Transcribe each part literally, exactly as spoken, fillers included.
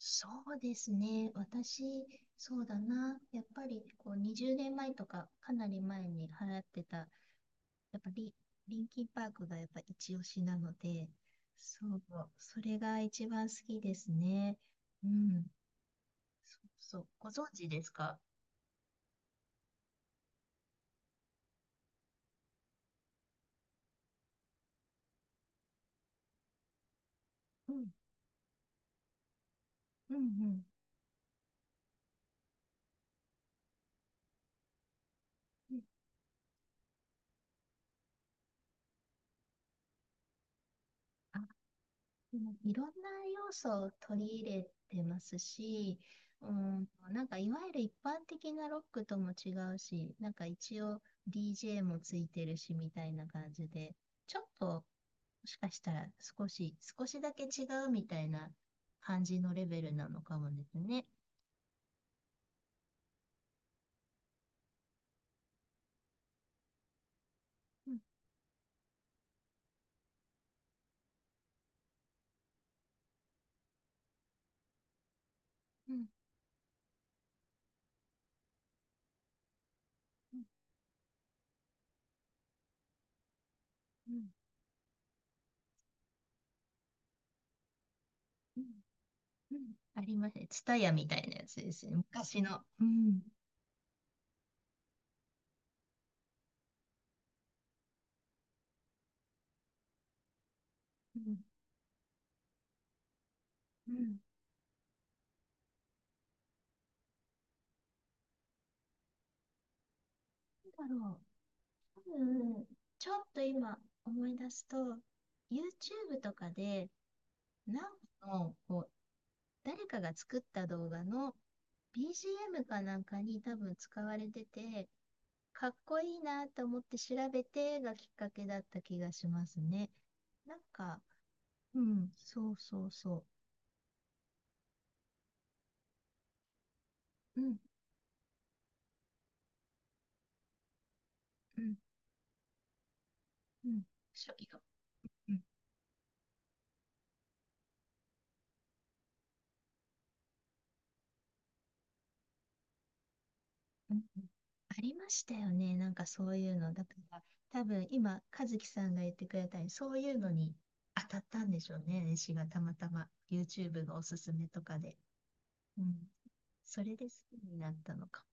そうですね。私、そうだな。やっぱりこうにじゅうねんまえとか、かなり前に払ってた、やっぱりリンキンパークがやっぱ一押しなので、そう、それが一番好きですね。うん。そうそう。ご存知ですか？うん、うん、うん。うん、もういろんな要素を取り入れてますし、うん、なんかいわゆる一般的なロックとも違うし、なんか一応 ディージェー もついてるしみたいな感じで、ちょっともしかしたら少し、少しだけ違うみたいな感じのレベルなのかもですね。うん。うん。うん。うん。うん。うん。ありますね。ツタヤみたいなやつですね。昔の。うん。うん。うん。なんだろう。うん、ちょっと今思い出すと、YouTube とかで、なんかのこう誰かが作った動画の ビージーエム かなんかに多分使われてて、かっこいいなと思って調べてがきっかけだった気がしますね。なんか、うん、そうそうそう。うん、うん、うん。しょ、いいよ。うん、ありましたよね。なんかそういうの。だから多分今、和樹さんが言ってくれたように、そういうのに当たったんでしょうね。私がたまたま YouTube のおすすめとかで。うん。それで好きになったのか。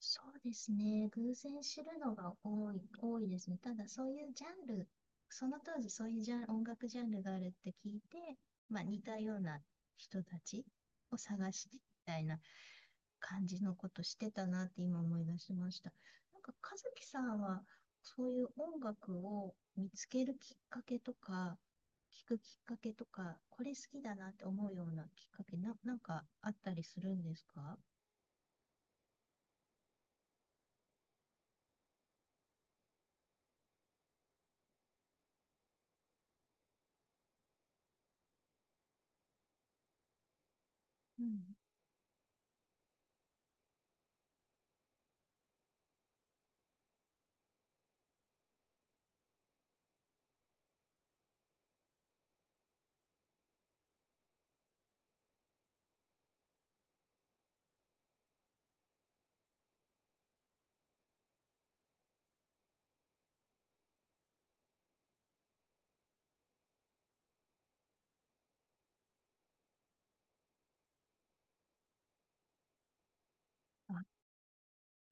そうですね。偶然知るのが多い、多いですね。ただ、そういうジャンル、その当時そういうジャン、音楽ジャンルがあるって聞いて、まあ、似たような人たちを探してみたいな感じのことしてたなって今思い出しました。なんか、和樹さんは、そういう音楽を見つけるきっかけとか、聞くきっかけとか、これ好きだなって思うようなきっかけ、な、なんかあったりするんですか？うん、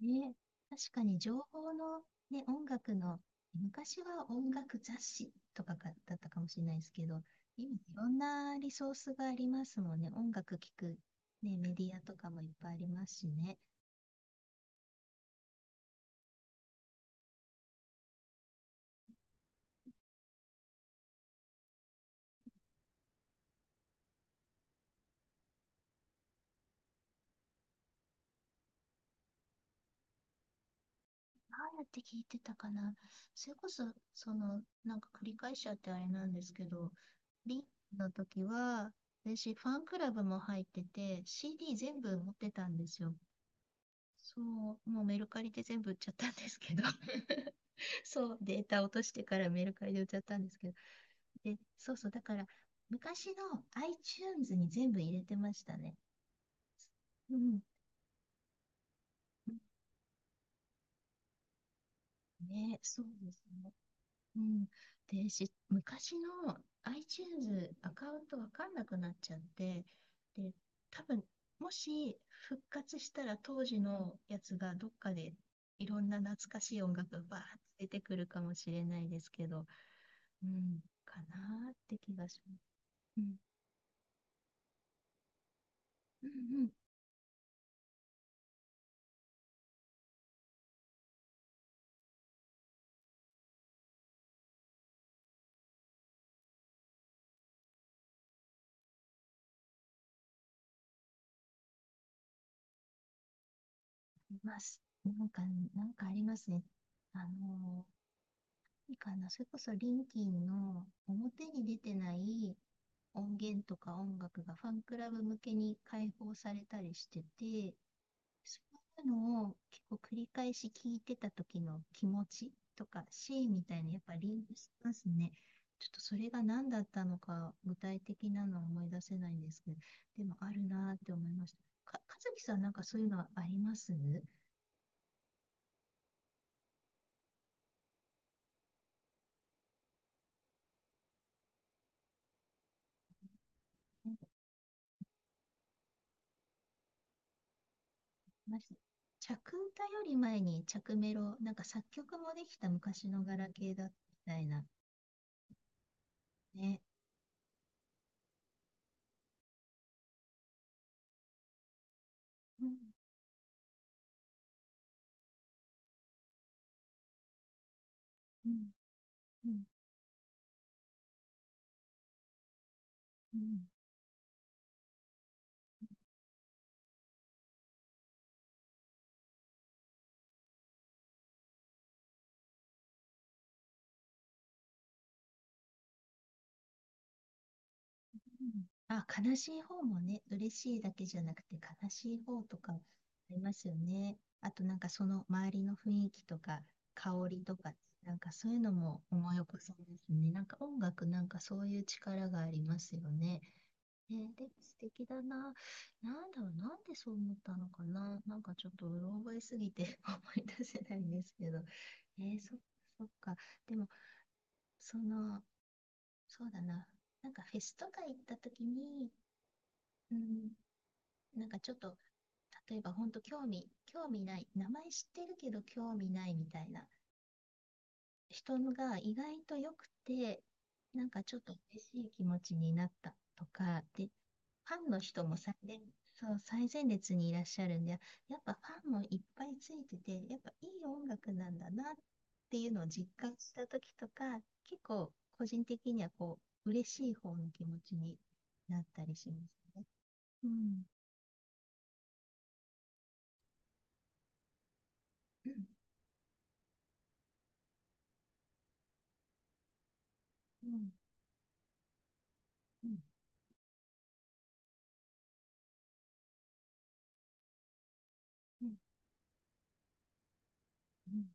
ね、確かに情報の、ね、音楽の、昔は音楽雑誌とかがだったかもしれないですけど、今いろんなリソースがありますもんね。音楽聴く、ね、メディアとかもいっぱいありますしね。どうやって聞いてたかな。それこそ、その、なんか繰り返しちゃってあれなんですけど、リンの時は、私、ファンクラブも入ってて、シーディー 全部持ってたんですよ。そう、もうメルカリで全部売っちゃったんですけど そう、データ落としてからメルカリで売っちゃったんですけど、で、そうそう、だから昔の iTunes に全部入れてましたね。うん。ね、そうですね。うん。で、し、昔の iTunes アカウントわかんなくなっちゃって、で、多分、もし復活したら当時のやつがどっかでいろんな懐かしい音楽がバーって出てくるかもしれないですけど、うん、かなーって気がします。うん、うん、うん、います。なんか、なんかありますね。あのー、いいかな、それこそリンキンの表に出てない音源とか音楽がファンクラブ向けに開放されたりしてて、そういうのを結構繰り返し聞いてた時の気持ちとかシーンみたいにやっぱリンクしますね。ちょっとそれが何だったのか具体的なのは思い出せないんですけど、でもあるなーって思いました。か、かずきさんなんかそういうのはありますなんかありました。着歌より前に着メロ、なんか作曲もできた昔のガラケーだったみたいなね。うん、うん、うん、うん。うん、あ、悲しい方もね、嬉しいだけじゃなくて悲しい方とかありますよね。あとなんかその周りの雰囲気とか香りとか、なんかそういうのも思い起こされますね。なんか音楽なんかそういう力がありますよね。ね、で、素敵だな。なんだろう、なんでそう思ったのかな。なんかちょっとうろ覚えすぎて 思い出せないんですけど。えー、そっかそっか。でも、その、そうだな。なんかフェスとか行った時に、うん、なんかちょっと、例えば本当興味、興味ない、名前知ってるけど興味ないみたいな人のが意外と良くて、なんかちょっと嬉しい気持ちになったとか、で、ファンの人も最前、そう、最前列にいらっしゃるんで、やっぱファンもいっぱいついてて、やっぱいい音楽なんだなっていうのを実感した時とか、結構個人的にはこう、嬉しい方の気持ちになったりしますね。うん。うん。うん。うん。うん。うん。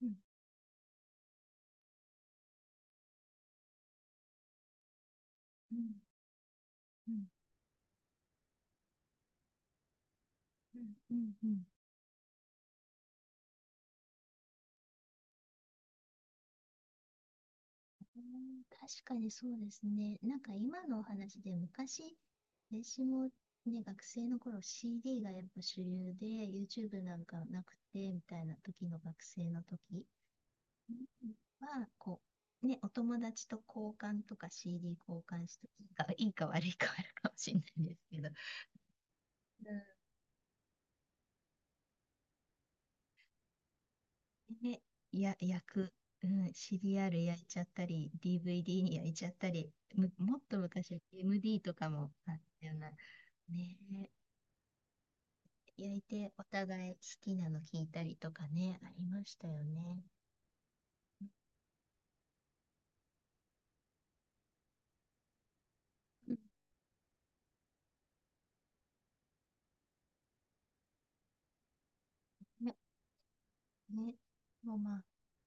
うん。うん。うん。うん。うん。うんうん確かにそうですね。なんか今のお話で昔、私もね、学生の頃 シーディー がやっぱ主流で YouTube なんかなくてみたいな時の学生の時、うん、は、こう、ね、お友達と交換とか シーディー 交換していいかいいか悪いかあるかもしれないですけど、ね、や、焼く、うん、シリアル焼いちゃったり、ディーブイディー に焼いちゃったり、む、もっと昔は エムディー とかもあったような、ねえ、焼いてお互い好きなの聞いたりとかね、ありましたよね。うん。ね、ね、もうまあ、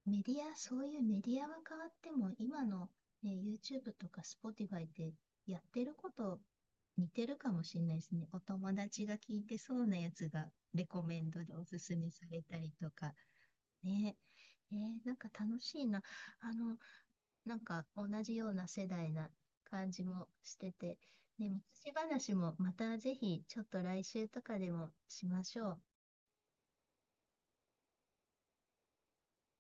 メディア、そういうメディアは変わっても、今の、ね、YouTube とか Spotify ってやってること似てるかもしれないですね。お友達が聞いてそうなやつがレコメンドでおすすめされたりとか、ねえー、なんか楽しいな。あの、なんか同じような世代な感じもしてて、ね、昔話もまたぜひちょっと来週とかでもしましょう。